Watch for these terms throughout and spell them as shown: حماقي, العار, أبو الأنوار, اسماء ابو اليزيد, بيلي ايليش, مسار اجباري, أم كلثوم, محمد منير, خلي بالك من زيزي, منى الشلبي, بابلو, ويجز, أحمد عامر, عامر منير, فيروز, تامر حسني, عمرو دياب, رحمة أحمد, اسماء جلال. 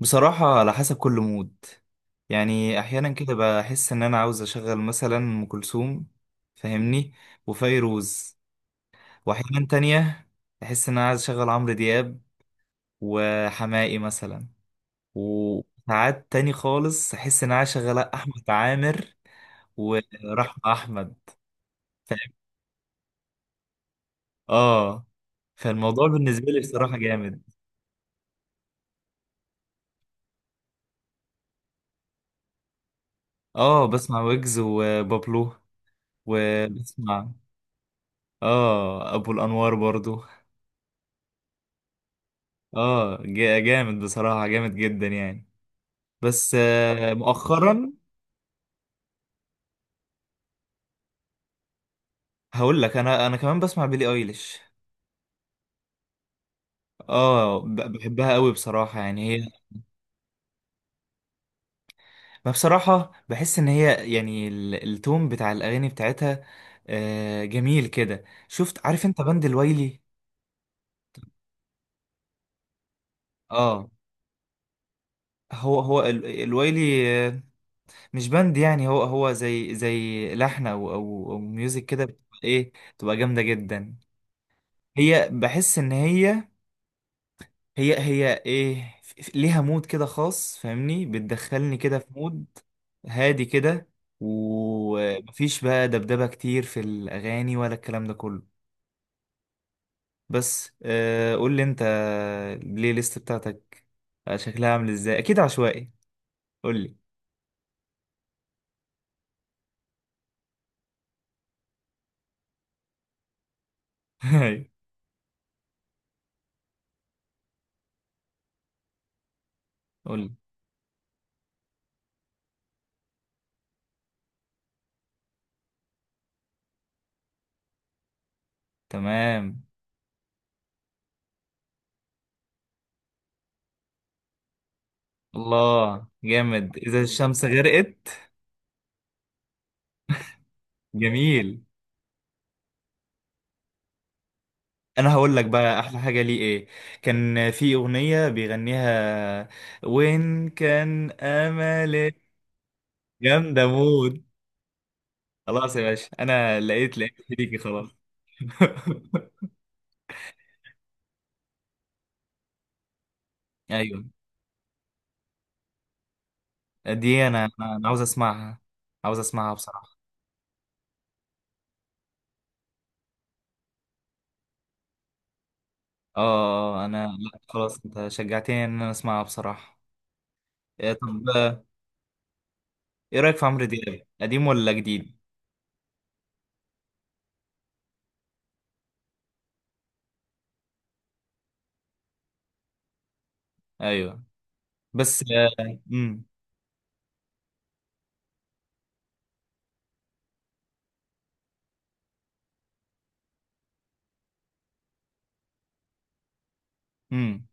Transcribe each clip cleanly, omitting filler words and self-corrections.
بصراحة على حسب كل مود. يعني أحيانا كده بحس إن أنا عاوز أشغل مثلا أم كلثوم، فاهمني، وفيروز. وأحيانا تانية بحس إن أنا عايز أشغل عمرو دياب وحماقي مثلا. وساعات تاني خالص أحس إن أنا عايز أشغل أحمد عامر ورحمة أحمد. فاهم. آه فالموضوع بالنسبة لي بصراحة جامد. بسمع ويجز وبابلو. وبسمع أبو الأنوار برضو. جامد بصراحة، جامد جدا يعني. بس. طب مؤخرا هقول لك، انا كمان بسمع بيلي ايليش. بحبها قوي بصراحة، يعني هي. ما بصراحة بحس ان هي يعني التون بتاع الاغاني بتاعتها. جميل كده. شفت، عارف انت بند الويلي؟ اه، هو الويلي، مش بند يعني. هو هو زي لحن، او او أو ميوزك كده، بتبقى ايه، بتبقى جامدة جدا. هي بحس ان هي، هي ايه، ليها مود كده خاص، فاهمني. بتدخلني كده في مود هادي كده. ومفيش بقى دبدبة كتير في الأغاني ولا الكلام ده كله. بس قول لي انت، البلاي ليست بتاعتك شكلها عامل ازاي؟ اكيد عشوائي. قول لي. قول لي. تمام. الله، جامد. إذا الشمس غرقت. جميل. انا هقول لك بقى احلى حاجه ليه ايه. كان في اغنيه بيغنيها، وين كان املي. جامده مود. خلاص يا باشا، انا لقيت، لقيت شريكي خلاص. ايوه. دي انا، أنا عاوز اسمعها، عاوز اسمعها بصراحه. اه، آه، آه، انا لا خلاص، انت شجعتني ان انا اسمعها بصراحه. إيه طب. ايه رايك في عمرو دياب، قديم ولا جديد؟ ايوه، بس، امم، امم،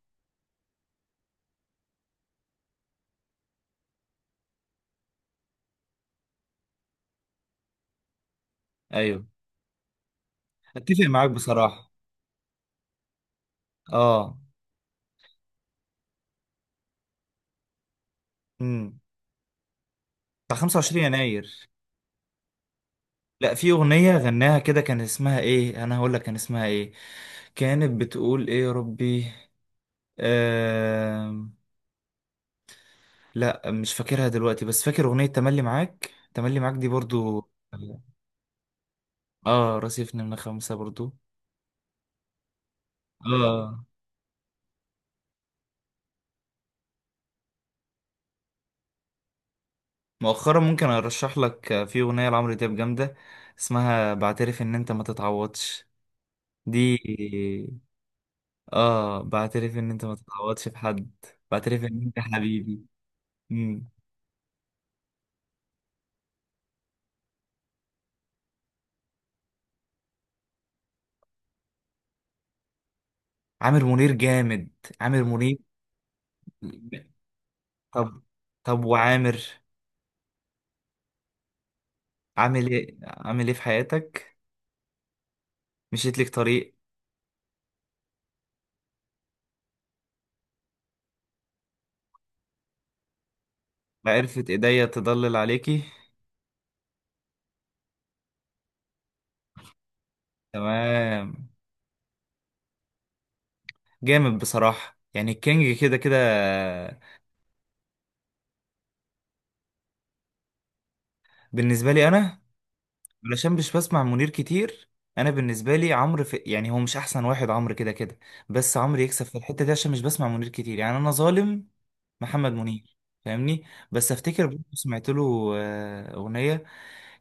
ايوه، اتفق معاك بصراحه. اه، مم. بتاع 25 يناير. لا، في اغنيه غناها كده، كان اسمها ايه، انا هقول لك كان اسمها ايه. كانت بتقول ايه يا ربي. آم... لا مش فاكرها دلوقتي، بس فاكر اغنيه تملي معاك، تملي معاك دي برضو. اه، رصيفنا من 5 برضو. اه مؤخرا ممكن ارشح لك في اغنيه لعمرو دياب جامده، اسمها بعترف ان انت ما تتعوضش. دي، اه بعترف ان انت ما تتعوضش في حد. بعترف ان انت حبيبي. عامر منير جامد. عامر منير. طب. وعامر عامل ايه، عامل ايه في حياتك. مشيت لك طريق. عرفت ايديا تضلل عليكي. تمام. جامد بصراحة، يعني الكينج كده كده. بالنسبة لي انا، علشان مش بسمع منير كتير. انا بالنسبة لي عمرو في، يعني هو مش احسن واحد. عمرو كده كده، بس عمرو يكسب في الحتة دي عشان مش بسمع منير كتير، يعني انا ظالم محمد منير، فاهمني. بس افتكر برضه سمعت له اغنية.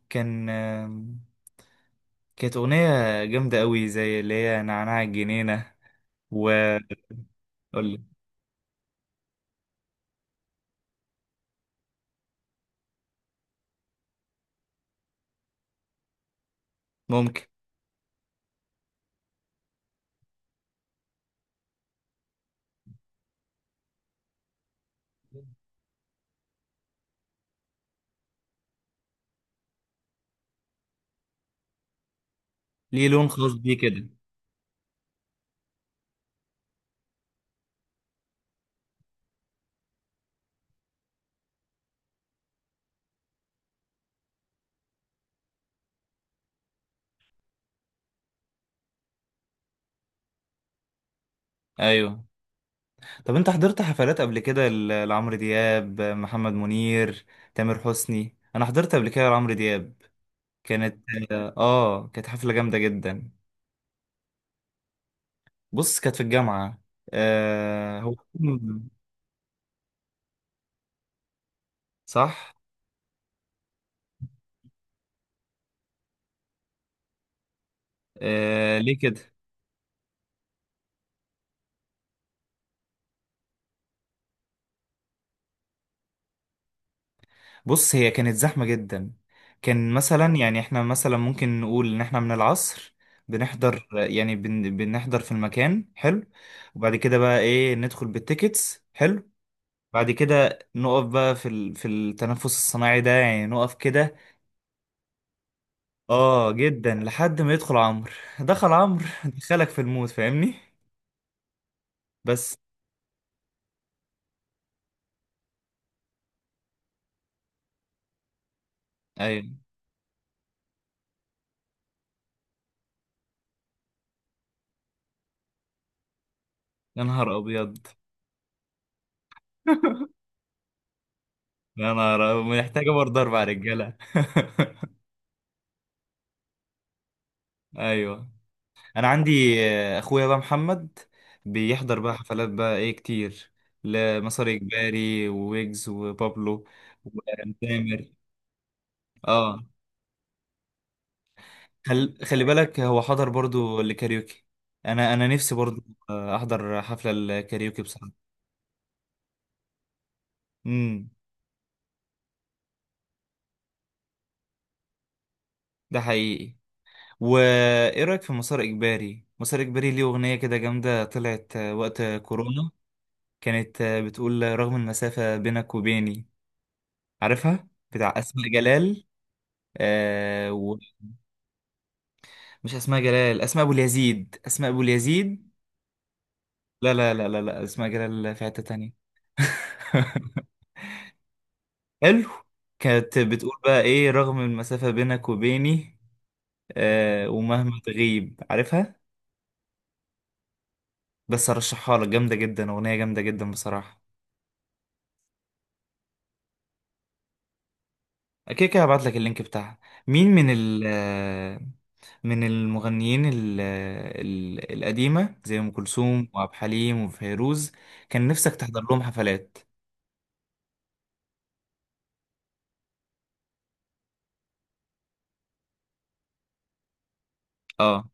كان كانت أغنية جامدة قوي، زي اللي هي نعناع الجنينة، و قول لي. ممكن. ليه لون خاص بيه كده. أيوه. طب أنت حضرت حفلات قبل كده، لعمرو دياب، محمد منير، تامر حسني؟ أنا حضرت قبل كده لعمرو دياب. كانت. كانت حفلة جامدة جدا. بص كانت في الجامعة. آه هو. صح. آه ليه كده. بص هي كانت زحمة جدا. كان مثلا، يعني احنا مثلا ممكن نقول ان احنا من العصر بنحضر، يعني بنحضر في المكان، حلو. وبعد كده بقى ايه ندخل بالتيكتس، حلو. بعد كده نقف بقى في في التنفس الصناعي ده، يعني نقف كده. اه جدا، لحد ما يدخل عمرو. دخل عمرو دخلك في الموت، فاهمني. بس. ايوه. يا نهار ابيض. يا نهار أبيض، محتاجة برضه 4 رجالة. ايوه. انا عندي اخويا بقى محمد بيحضر بقى حفلات بقى ايه كتير. لمسار اجباري وويجز وبابلو. وتامر. اه، خلي بالك، هو حضر برضو لكاريوكي. انا انا نفسي برضو احضر حفلة الكاريوكي بصراحة. امم. ده حقيقي. وايه رايك في مسار اجباري؟ مسار اجباري ليه اغنية كده جامدة، طلعت وقت كورونا. كانت بتقول رغم المسافة بينك وبيني، عارفها، بتاع اسماء جلال. آه و- مش اسماء جلال، اسماء ابو اليزيد، اسماء ابو اليزيد. لا لا لا لا لا، اسماء جلال في حتة تانية. حلو. كانت بتقول بقى ايه رغم المسافة بينك وبيني، ومهما تغيب، عارفها. بس ارشحها لك، جامدة جدا، اغنية جامدة جدا بصراحة. اكيد كده هبعت لك اللينك بتاعها. مين من ال آه، من المغنيين القديمة زي ام كلثوم وعبد الحليم وفيروز كان نفسك تحضر لهم حفلات؟ اه.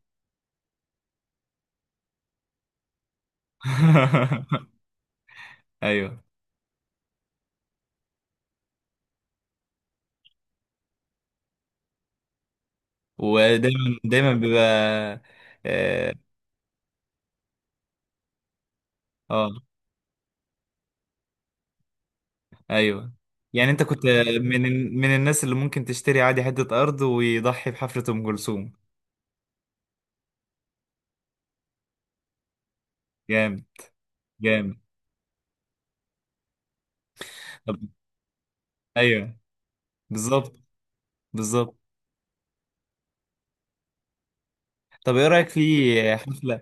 ايوه. ودايما دايما بيبقى. اه، آه، ايوه. يعني انت كنت من من الناس اللي ممكن تشتري عادي حتة ارض، ويضحي بحفرة ام كلثوم. جامد. جامد. طب. ايوه. بالظبط. بالظبط. طب ايه رايك في حفلة.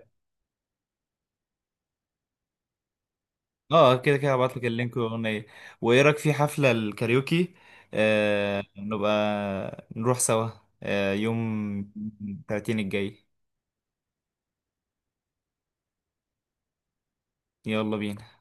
اه كده كده هبعت لك اللينك والاغنية. وايه رايك في حفلة الكاريوكي، نبقى نروح سوا، يوم 30 الجاي. يلا بينا